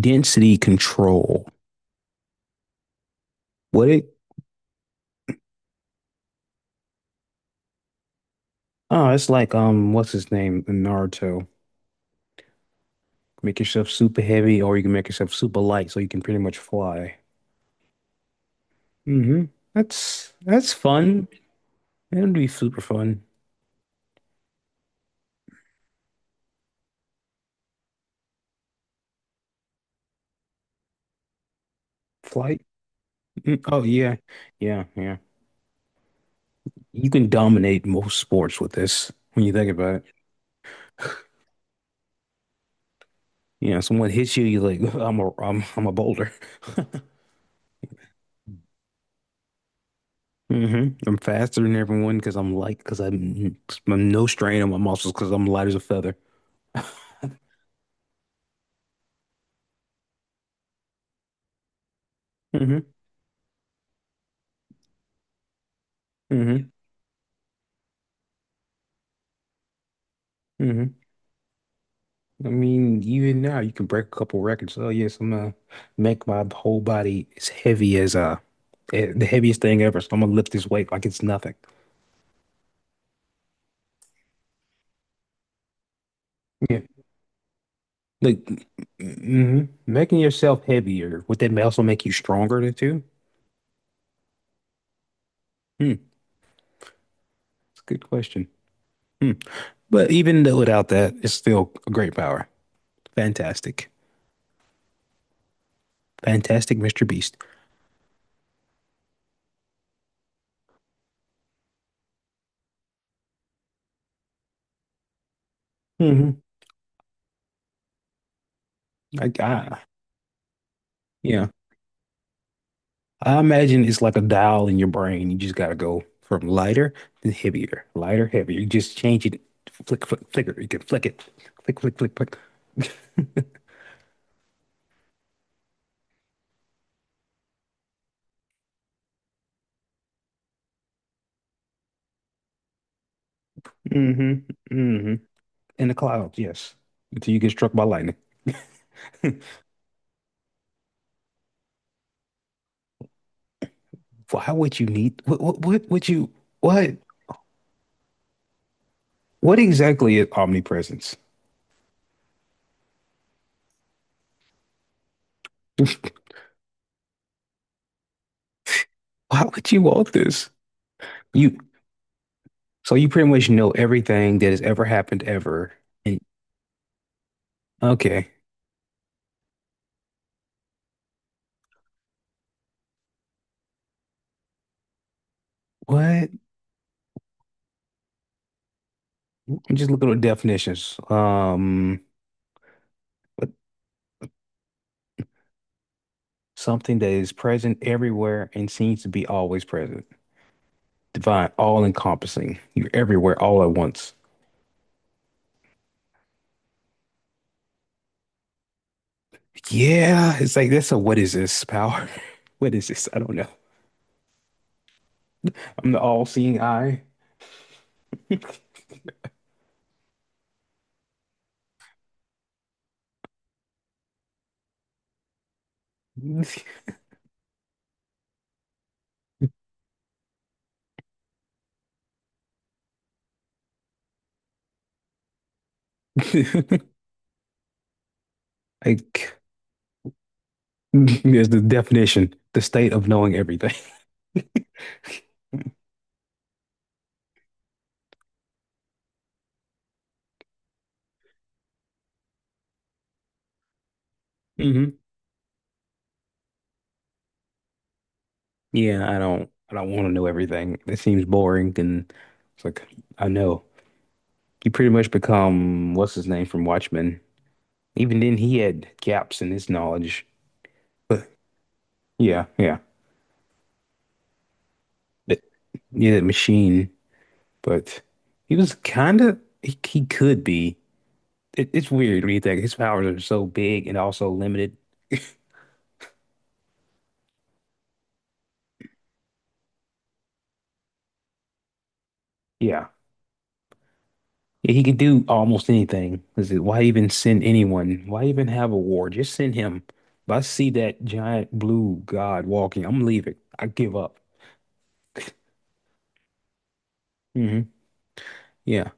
Density control. What it? Oh, it's like what's his name in Naruto? Make yourself super heavy, or you can make yourself super light, so you can pretty much fly. Mm-hmm. That's fun. It'd be super fun. Flight. Mm, oh yeah, yeah, yeah. You can dominate most sports with this when you think about it. Yeah, someone hits you, you're like, I'm a I'm a boulder. Hmm, I'm faster than everyone because I'm light, I'm no strain on my muscles because I'm light as a feather. Hmm. Hmm. Hmm. I mean, even now you can break a couple records. Oh yes, I'm gonna make my whole body as heavy as the heaviest thing ever. So I'm gonna lift this weight like it's nothing. Yeah, like mm-hmm. Making yourself heavier, would that also make you stronger than too? Hmm, it's a good question. Hmm. But even though without that, it's still a great power. Fantastic, fantastic, Mr. Beast. Hmm. I yeah. I imagine it's like a dial in your brain. You just gotta go from lighter to heavier, lighter, heavier. You just change it, flick, flick, flicker. You can flick it, flick, flick, flick, flick. Hmm. Hmm. In the clouds, yes. Until you get struck by lightning. Why would you need? What? What? What would you? What? What exactly is omnipresence? Why would you want this? You. So you pretty much know everything that has ever happened ever. And okay, what? I'm just looking at definitions. Something that is present everywhere and seems to be always present. Divine, all encompassing. You're everywhere all at once. Yeah, it's like that's a what is this power? What is this? I don't know. I'm the all-seeing eye. Like there's the definition, the state of knowing everything. Mhm. Yeah, I don't want to know everything. It seems boring and it's like I know. You pretty much become what's his name from Watchmen. Even then he had gaps in his knowledge. But yeah, yeah. But, yeah, that machine. But he was kinda he could be. It's weird when you think his powers are so big and also limited. Yeah. Yeah, he can do almost anything. Is it, why even send anyone? Why even have a war? Just send him. If I see that giant blue god walking, I'm leaving. I give up. Hmm. Yeah.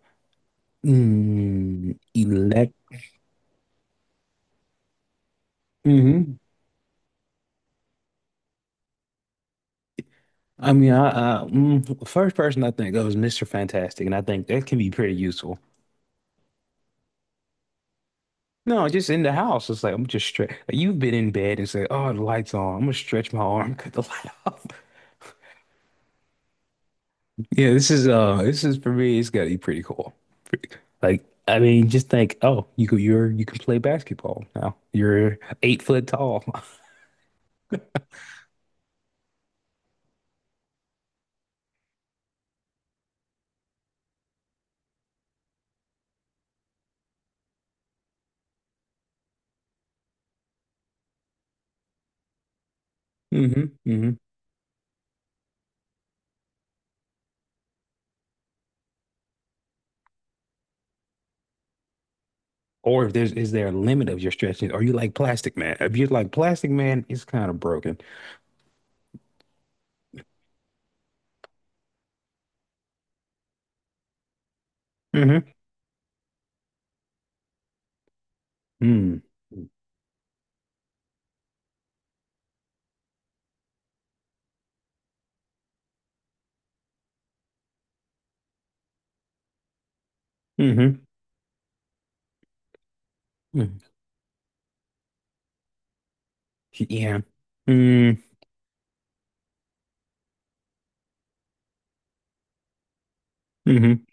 Mm, elect. Hmm. I mean, the first person I think of is Mr. Fantastic, and I think that can be pretty useful. No, just in the house. It's like I'm just stretch. You've been in bed and say, "Oh, the light's on." I'm gonna stretch my arm, cut the light off. Yeah, this is for me it's gotta be pretty cool. Pretty- Like I mean just think, oh, you could you're you can play basketball now. You're 8 foot tall. Hmm. Hmm. Or if there's is there a limit of your stretching? Are you like Plastic Man? If you're like Plastic Man, it's kind of broken. Hmm. Mm. Mm-hmm. Mm. Yeah. Mm. Mm-hmm.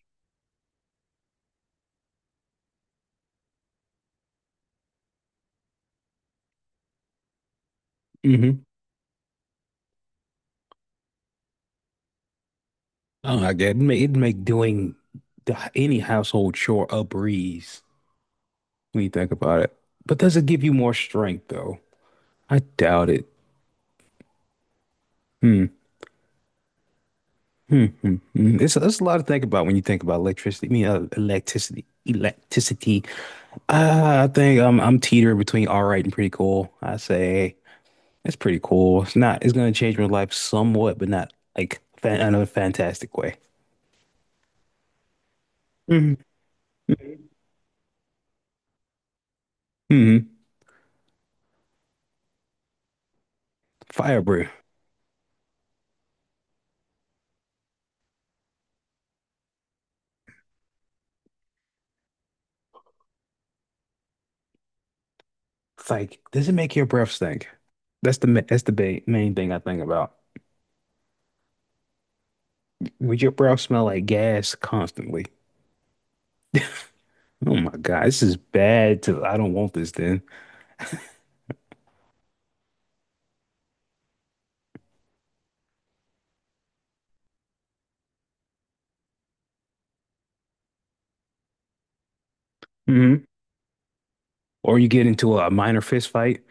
Mm-hmm. Oh, I get it. Make, it'd make doing the, any household chore a breeze when you think about it. But does it give you more strength though? I doubt it. Hmm. Hmm. Hmm. Hmm. It's a lot to think about when you think about electricity. I mean, electricity. Electricity. I think I'm teetering between all right and pretty cool. I say it's pretty cool. It's not. It's gonna change my life somewhat, but not like fan, in a fantastic way. Hmm. Hmm. Fire breath. It's like, does it make your breath stink? That's the ma- that's the ba main thing I think about. Would your breath smell like gas constantly? Oh my God, this is bad. To I don't want this then. Or you get into a minor fist fight.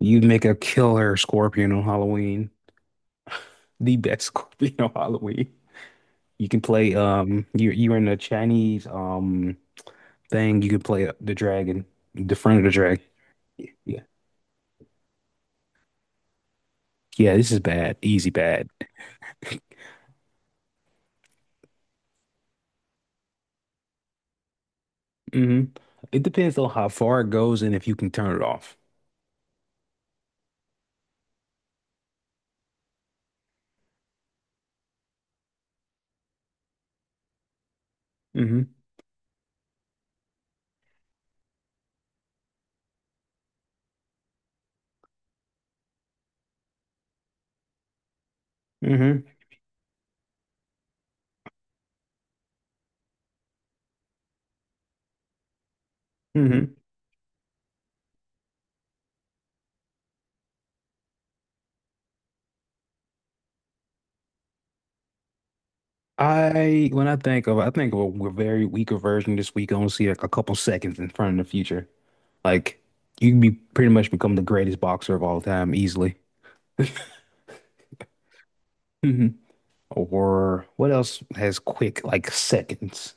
You make a killer scorpion on Halloween. The best scorpion on Halloween. You can play you you're in a Chinese thing, you can play the dragon, the front of the dragon. Yeah. Yeah, this is bad. Easy bad. Hmm. It depends on how far it goes and if you can turn it off. Hmm. Hmm. Hmm. I when I think of a, very weaker version this week. I only see like a couple seconds in front of the future. Like you can be pretty much become the greatest boxer of all time easily. Hmm. Or what else has quick like seconds?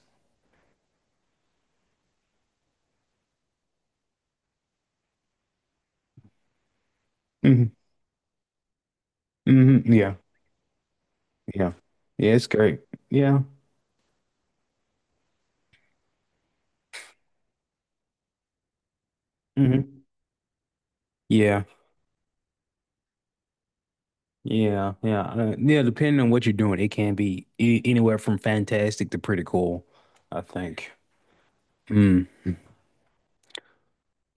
Hmm. Hmm. Yeah. Yeah. Yeah, it's great. Yeah. Hmm. Yeah. Yeah. Yeah. Yeah, depending on what you're doing, it can be a- anywhere from fantastic to pretty cool, I think. Mm.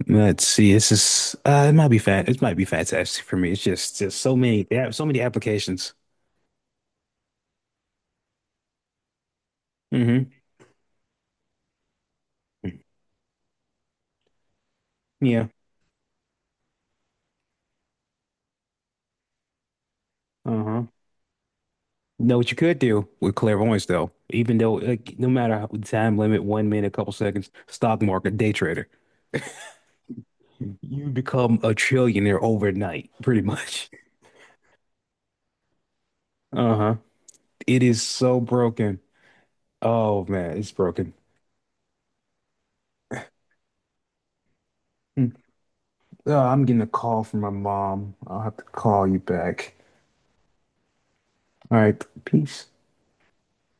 Let's see. This is it might be fat. It might be fantastic for me. It's just so many. They have so many applications. Hmm. Yeah. Uh-huh. Know what you could do with clairvoyance, though, even though like no matter how time limit, 1 minute, couple seconds, stock market, day trader, you become a trillionaire overnight, pretty much. Uh-huh. It is so broken. Oh man, it's broken. Mm. Oh, I'm getting a call from my mom. I'll have to call you back. All right, peace.